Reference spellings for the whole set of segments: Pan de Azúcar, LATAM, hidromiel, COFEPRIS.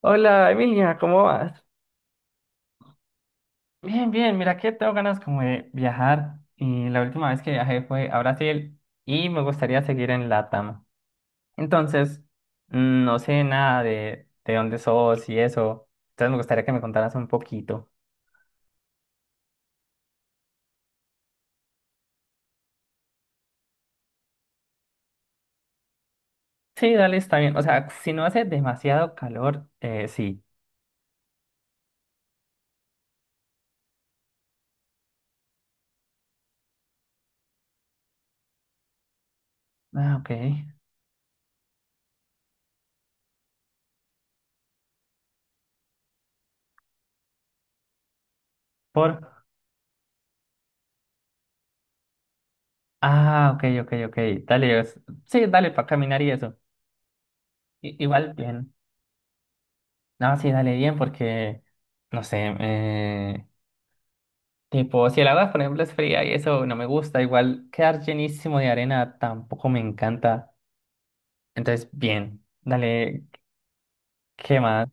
Hola Emilia, ¿cómo vas? Bien, bien, mira que tengo ganas como de viajar y la última vez que viajé fue a Brasil y me gustaría seguir en LATAM. Entonces, no sé nada de dónde sos y eso, entonces me gustaría que me contaras un poquito. Sí, dale, está bien. O sea, si no hace demasiado calor, sí. Ah, ok. Por... Ah, ok, ok, ok. Dale, es- sí, dale, para caminar y eso. I- igual bien. No, sí, dale bien porque, no sé, Tipo, si el agua, por ejemplo, es fría y eso no me gusta, igual quedar llenísimo de arena tampoco me encanta. Entonces, bien, dale, ¿qué más?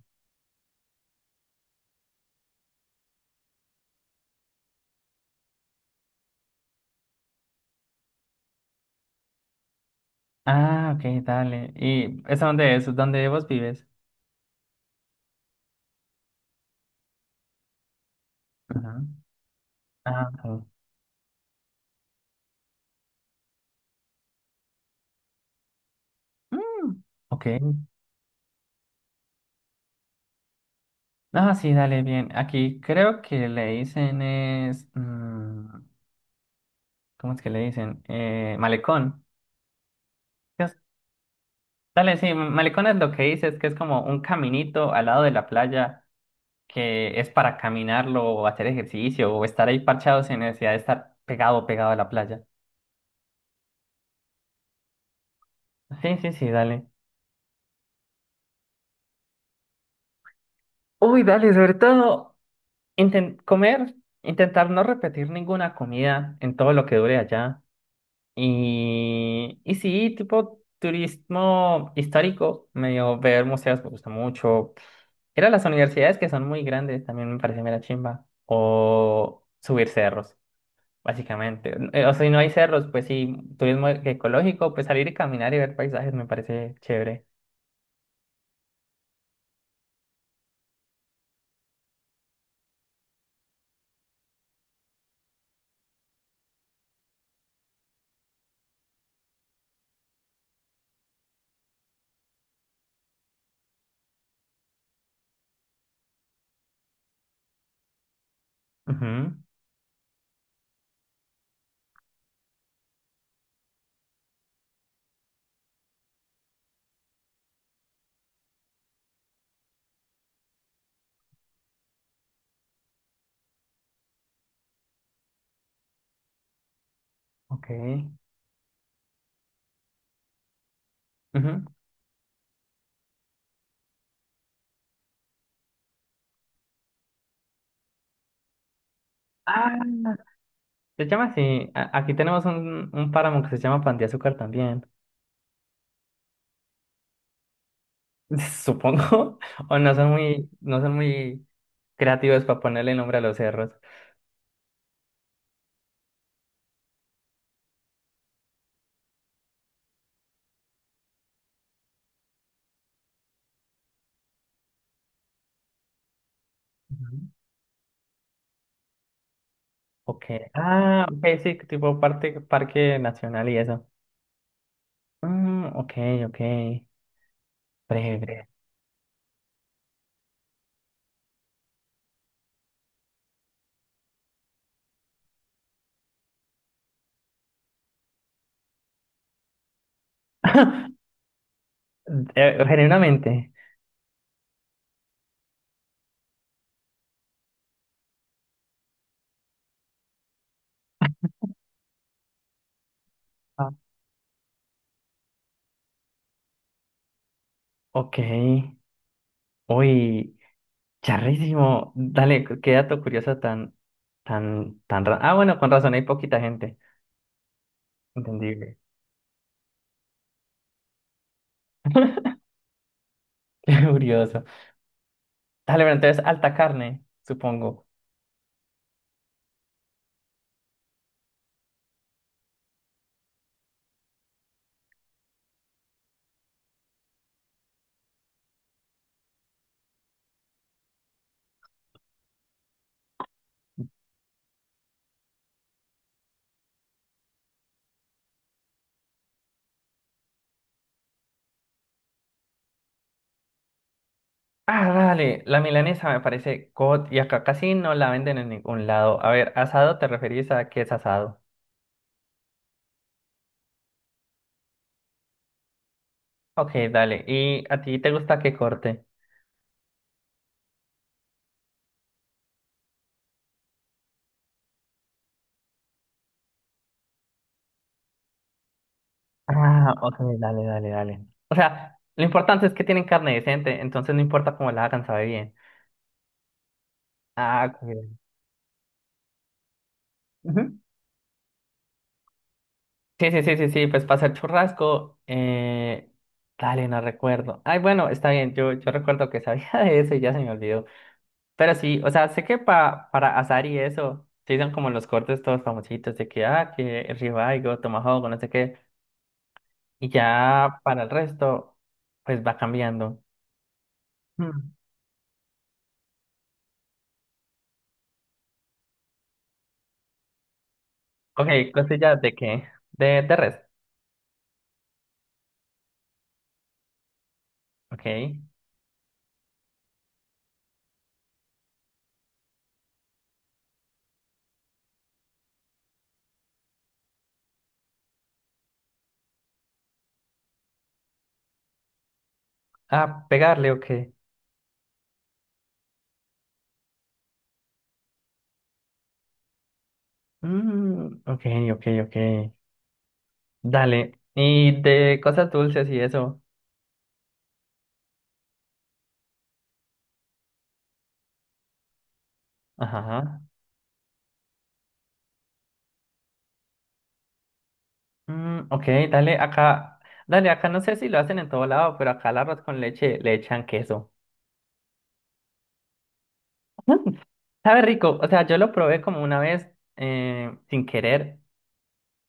Ah, ok, dale. ¿Y eso dónde es? ¿Dónde vos vives? Ajá. Ah, ok. Mm, ok. Ah, sí, dale, bien. Aquí creo que le dicen es... ¿cómo es que le dicen? Malecón. Es- Dale, sí, malecón es lo que dices, que es como un caminito al lado de la playa que es para caminarlo o hacer ejercicio o estar ahí parchado sin necesidad de estar pegado, pegado a la playa. Sí, sí, sí, dale. Uy, dale, sobre todo inten- comer, intentar no repetir ninguna comida en todo lo que dure allá. Y sí, tipo turismo histórico, medio ver museos me gusta mucho. Ir a las universidades que son muy grandes también me parece mera chimba. O subir cerros básicamente. O sea, si no hay cerros, pues sí, turismo ecológico, pues salir y caminar y ver paisajes me parece chévere. Ujú, ok. Ujú. Ah, se llama así. A- aquí tenemos un páramo que se llama Pan de Azúcar también. Supongo. O no son muy, no son muy creativos para ponerle nombre a los cerros. Ujú. Ok. Ah, ok, sí, tipo parte, parque nacional y eso. Mm, ok, ok. Breve, breve. Genuinamente. Ok. Uy, charrísimo. Dale, qué qué dato curioso tan, tan, tan... ra- Ah, bueno, con razón, hay poquita gente. Entendible. Qué curioso. Dale, pero entonces, alta carne, supongo. Ah, dale, la milanesa me parece god y acá casi no la venden en ningún lado. A ver, asado, ¿te referís a qué es asado? Ok, dale. ¿Y a ti te gusta qué corte? Ah, ok, dale, dale, dale. O sea, lo importante es que tienen carne decente, entonces no importa cómo la hagan, sabe bien. Ah, qué bien. Sí, sí, sí, sí, sí, pues pasa el churrasco. Dale, no recuerdo. Ay, bueno, está bien, yo recuerdo que sabía de eso y ya se me olvidó. Pero sí, o sea, sé que pa, para asar y eso, se son como los cortes todos famositos de que, ah, que el ribeye o tomahawk, o no sé qué. Y ya para el resto, pues va cambiando. Hmm. Ok, ¿costillas de qué? De res. Ok. Ah, pegarle, ok. Mm, ok, ok, ok. Dale. Y de cosas dulces y eso. Ajá. Mm, ok, dale acá. Dale acá, no sé si lo hacen en todo lado, pero acá al arroz con leche le echan queso. Sabe rico, o sea, yo lo probé como una vez sin querer,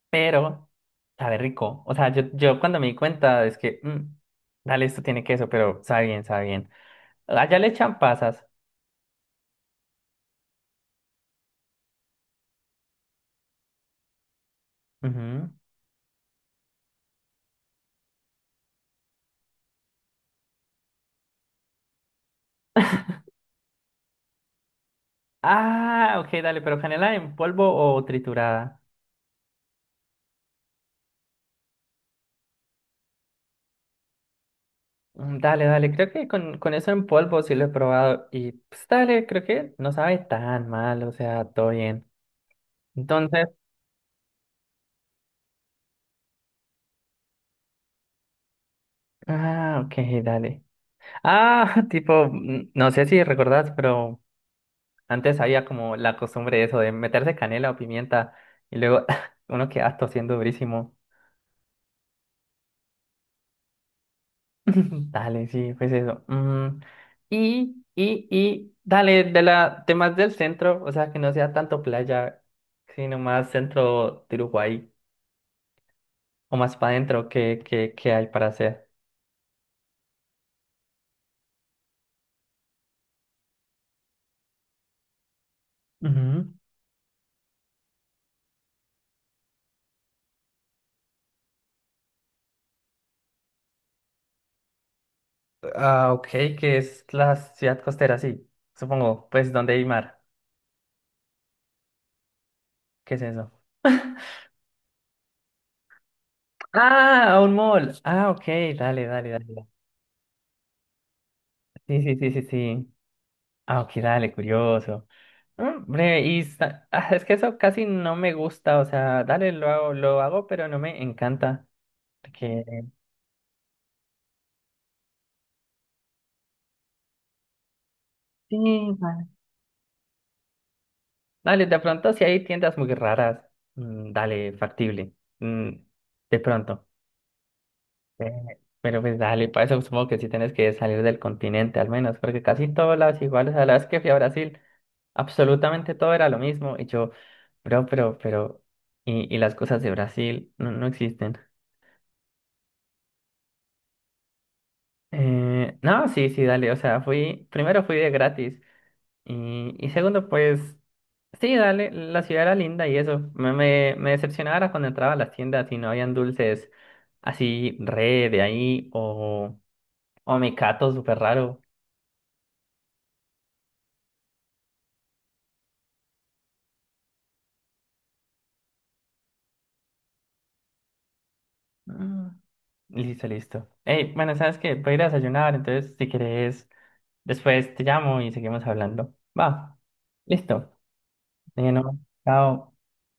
pero sabe rico. O sea, yo cuando me di cuenta es que, dale, esto tiene queso, pero sabe bien, sabe bien. Allá le echan pasas. Ujú. Ah, ok, dale, pero canela en polvo o triturada. Mm, dale, dale, creo que con eso en polvo sí lo he probado y pues dale, creo que no sabe tan mal, o sea, todo bien. Entonces, ah, ok, dale. Ah, tipo, no sé si recordás, pero antes había como la costumbre de eso de meterse canela o pimienta y luego uno queda tosiendo durísimo. Dale, sí, pues eso. Mm, y, dale, de la, de más del centro, o sea, que no sea tanto playa, sino más centro de Uruguay, o más para adentro, ¿qué, qué, qué hay para hacer? Ujú. Ah, ok, que es la ciudad costera, sí, supongo, pues donde hay mar, ¿qué es eso? Ah, un mall, ah, ok, dale, dale, dale, sí, sí, sí, sí, sí, ah, ok, dale, curioso, mm, breve, y sa- ah, es que eso casi no me gusta, o sea, dale, lo hago, pero no me encanta, porque, sí, vale. Dale, de pronto si hay tiendas muy raras, mm, dale, factible, mm, de pronto. Eh, Pero pues dale, para eso supongo que sí tienes que salir del continente al menos, porque casi todas las iguales, a las que fui a Brasil, absolutamente todo era lo mismo. Y yo, bro, pero, y las cosas de Brasil no, no existen. No, sí, sí, dale, o sea, fui, primero fui de gratis y segundo, pues, sí, dale, la ciudad era linda y eso, me decepcionaba era cuando entraba a las tiendas y no habían dulces así re de ahí o mecato súper raro. Mm, listo, listo. Hey, bueno, sabes que voy a ir a desayunar, entonces si quieres, después te llamo y seguimos hablando. Va, listo. Bueno, chao.